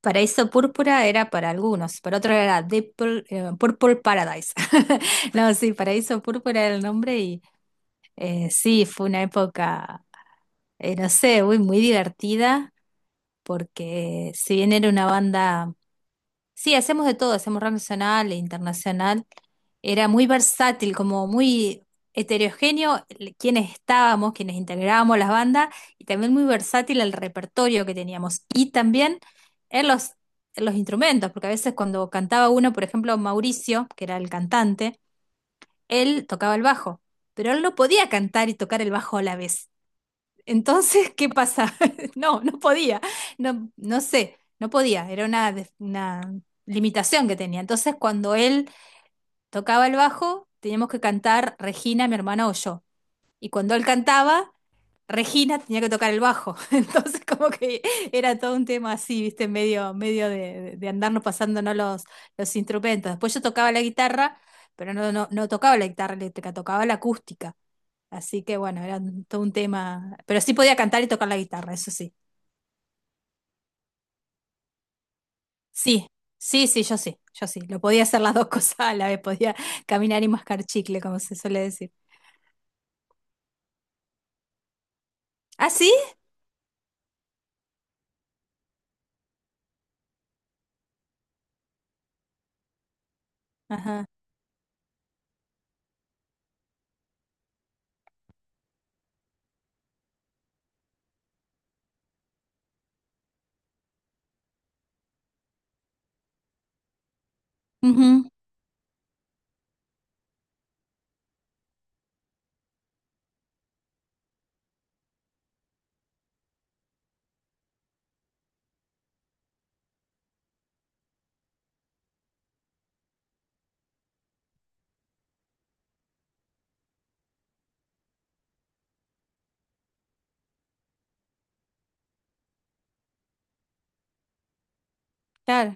Paraíso Púrpura era para algunos, para otros era Deep Pur- Purple Paradise. No, sí, Paraíso Púrpura era el nombre y sí, fue una época, no sé, muy divertida, porque si bien era una banda. Sí, hacemos de todo, hacemos rock nacional e internacional. Era muy versátil, como muy heterogéneo el- quienes estábamos, quienes integrábamos las bandas, y también muy versátil el repertorio que teníamos. Y también en los, en los instrumentos, porque a veces cuando cantaba uno, por ejemplo, Mauricio, que era el cantante, él tocaba el bajo, pero él no podía cantar y tocar el bajo a la vez. Entonces, ¿qué pasa? No podía, no sé, no podía, era una, des- una limitación que tenía. Entonces, cuando él tocaba el bajo, teníamos que cantar Regina, mi hermana o yo. Y cuando él cantaba, Regina tenía que tocar el bajo. Entonces, como que era todo un tema así, viste, medio, de andarnos pasándonos los instrumentos. Después yo tocaba la guitarra, pero no tocaba la guitarra eléctrica, tocaba la acústica. Así que bueno, era un- todo un tema. Pero sí podía cantar y tocar la guitarra, eso sí. Sí, sí, yo sí, yo sí. Lo podía hacer las dos cosas a la vez, podía caminar y mascar chicle, como se suele decir. ¿Ah, sí? Ajá. Ujú. Claro,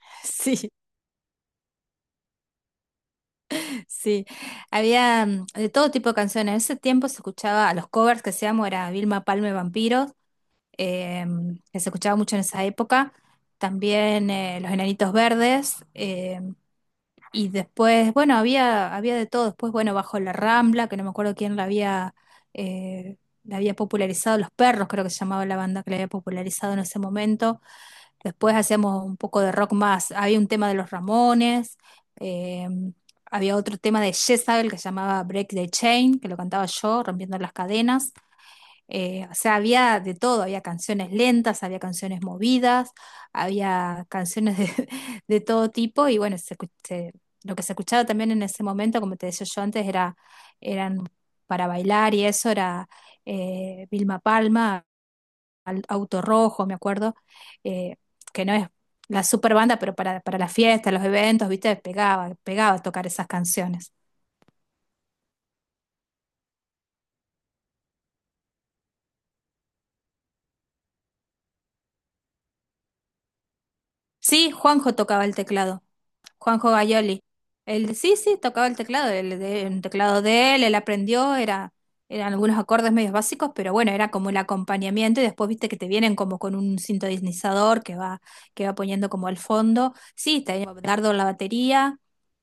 sí, sí. Había de todo tipo de canciones. En ese tiempo se escuchaba, a los covers que hacíamos era Vilma Palma y Vampiros, eh, que se escuchaba mucho en esa época. También Los Enanitos Verdes, y después, bueno, había de todo. Después, bueno, bajo la Rambla, que no me acuerdo quién eh, la había popularizado, Los Perros, creo que se llamaba la banda que la había popularizado en ese momento. Después hacíamos un poco de rock más. Había un tema de los Ramones, eh, había otro tema de Jezabel que se llamaba Break the Chain, que lo cantaba yo, rompiendo las cadenas. O sea, había de todo, había canciones lentas, había canciones movidas, había canciones de, de todo tipo y bueno, se escu- se- lo que se escuchaba también en ese momento, como te decía yo antes, eran para bailar y eso era Vilma Palma, Al- Auto Rojo, me acuerdo, eh, que no es la super banda, pero para las fiestas, los eventos, viste, pegaba, pegaba tocar esas canciones. Sí, Juanjo tocaba el teclado. Juanjo Gayoli. Él, sí, sí, tocaba el teclado, el, de- el teclado de él, él aprendió, eran algunos acordes medios básicos, pero bueno, era como el acompañamiento y después viste que te vienen como con un sintonizador que va poniendo como al fondo. Sí, tenía Dardo en la batería,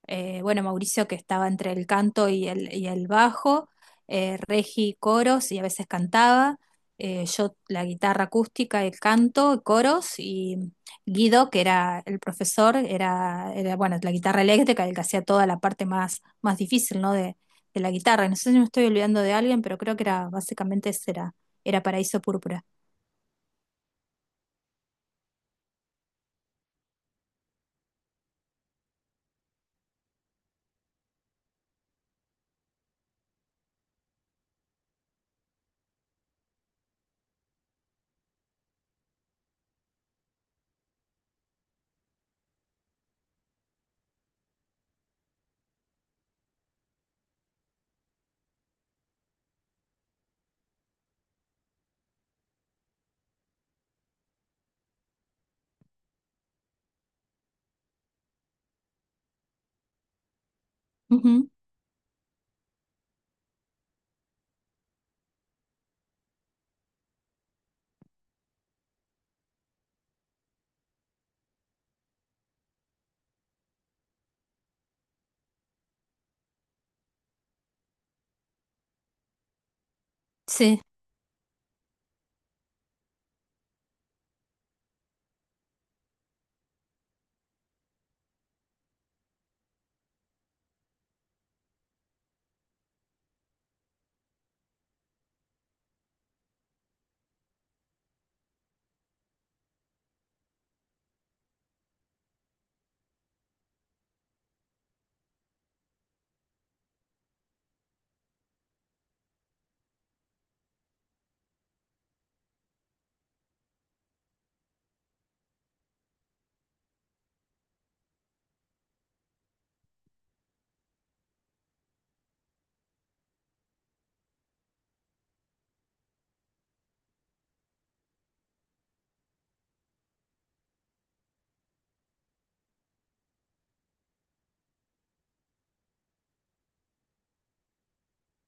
bueno, Mauricio que estaba entre el canto y y el bajo, Regi coros y a veces cantaba, yo la guitarra acústica, el canto, coros. Guido, que era el profesor, bueno, la guitarra eléctrica, el que hacía toda la parte más difícil, ¿no? De la guitarra. Y no sé si me estoy olvidando de alguien, pero creo que era básicamente ese era Paraíso Púrpura. Ujú. Sí,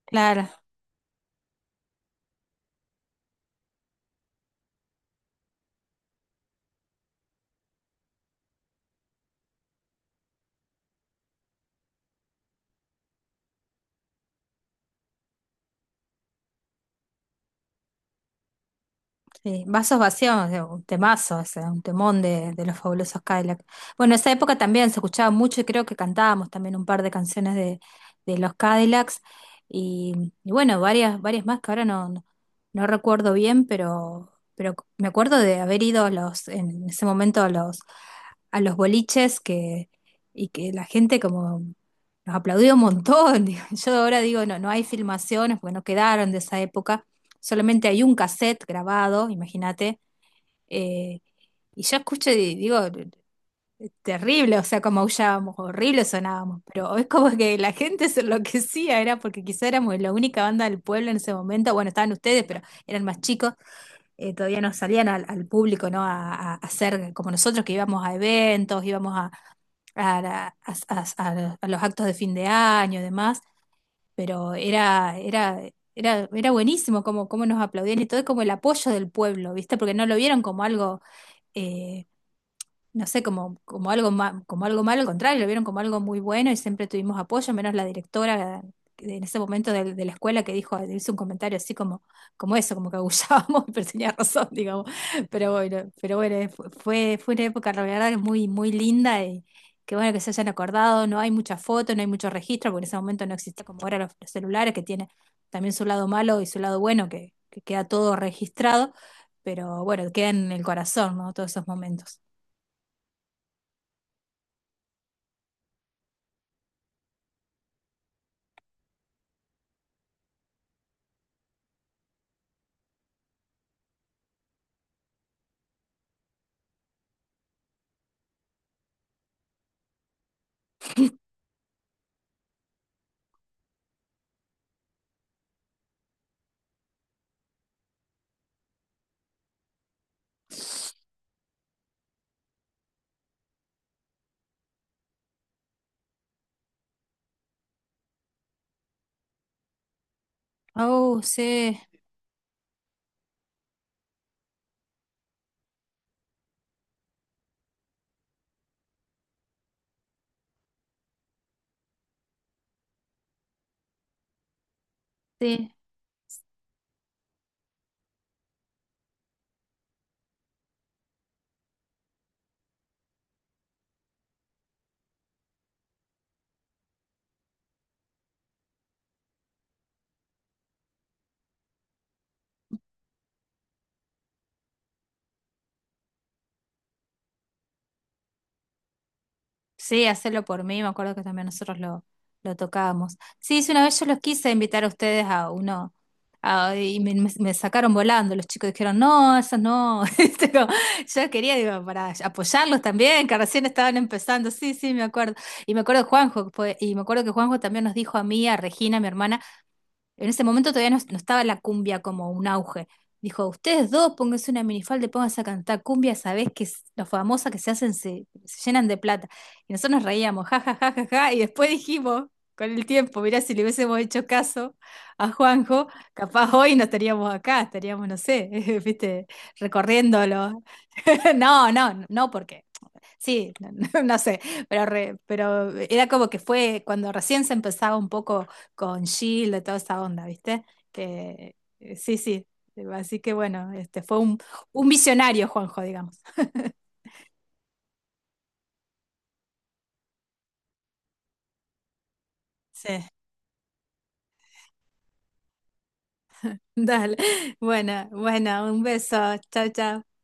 claro. Sí, Vasos vacíos, un temazo, ese, un temón de los fabulosos Cadillacs. Bueno, esa época también se escuchaba mucho y creo que cantábamos también un par de canciones de los Cadillacs y bueno, varias, varias más que ahora no recuerdo bien, pero me acuerdo de haber ido a los, en ese momento a los boliches que, y que la gente como nos aplaudió un montón. Digo, yo ahora digo, no, no hay filmaciones, porque no quedaron de esa época, solamente hay un cassette grabado, imagínate, eh, y yo escucho y digo, terrible, o sea, como aullábamos, horrible sonábamos, pero es como que la gente se enloquecía, era porque quizá éramos la única banda del pueblo en ese momento, bueno, estaban ustedes, pero eran más chicos, todavía no salían al público, ¿no? A hacer como nosotros que íbamos a eventos, íbamos a, la- a los actos de fin de año y demás, pero era buenísimo cómo cómo nos aplaudían y todo, es como el apoyo del pueblo, ¿viste? Porque no lo vieron como algo eh, no sé, como, como algo ma- como algo malo, al contrario, lo vieron como algo muy bueno y siempre tuvimos apoyo, menos la directora que en ese momento de la escuela que dijo, hizo un comentario así como, como eso, como que agullábamos, pero tenía razón, digamos. Pero bueno, fu- fue, fue una época, la verdad, muy linda y que bueno que se hayan acordado, no hay muchas fotos, no hay mucho registro, porque en ese momento no existía como ahora los celulares, que tiene también su lado malo y su lado bueno, que queda todo registrado, pero bueno, queda en el corazón, ¿no? Todos esos momentos. Oh, sí, sí, sí, hacerlo por mí, me acuerdo que también nosotros lo tocábamos. Sí, sí, una vez yo los quise invitar a ustedes a uno, a- y me- me sacaron volando, los chicos dijeron, no, eso no. Este, como, yo quería, digo, para apoyarlos también, que recién estaban empezando, sí, sí, me acuerdo. Y me acuerdo de Juanjo, que fue- y me acuerdo que Juanjo también nos dijo a mí, a Regina, mi hermana, en ese momento todavía no estaba la cumbia como un auge. Dijo, ustedes dos, pónganse una minifalda y pónganse a cantar cumbia, sabés que es- los famosas que se hacen se, se llenan de plata. Y nosotros nos reíamos, ja, ja, ja, ja, ja, y después dijimos, con el tiempo, mirá, si le hubiésemos hecho caso a Juanjo, capaz hoy no estaríamos acá, estaríamos, no sé, viste, recorriéndolo. No, no, no, porque sí, no, no- no sé, pero, re- pero era como que fue cuando recién se empezaba un poco con Shield, y toda esa onda, ¿viste? Que sí, sí. Así que bueno, este fue un visionario, Juanjo, digamos. Sí, dale. Bueno, bueno, un beso. Chao, chao.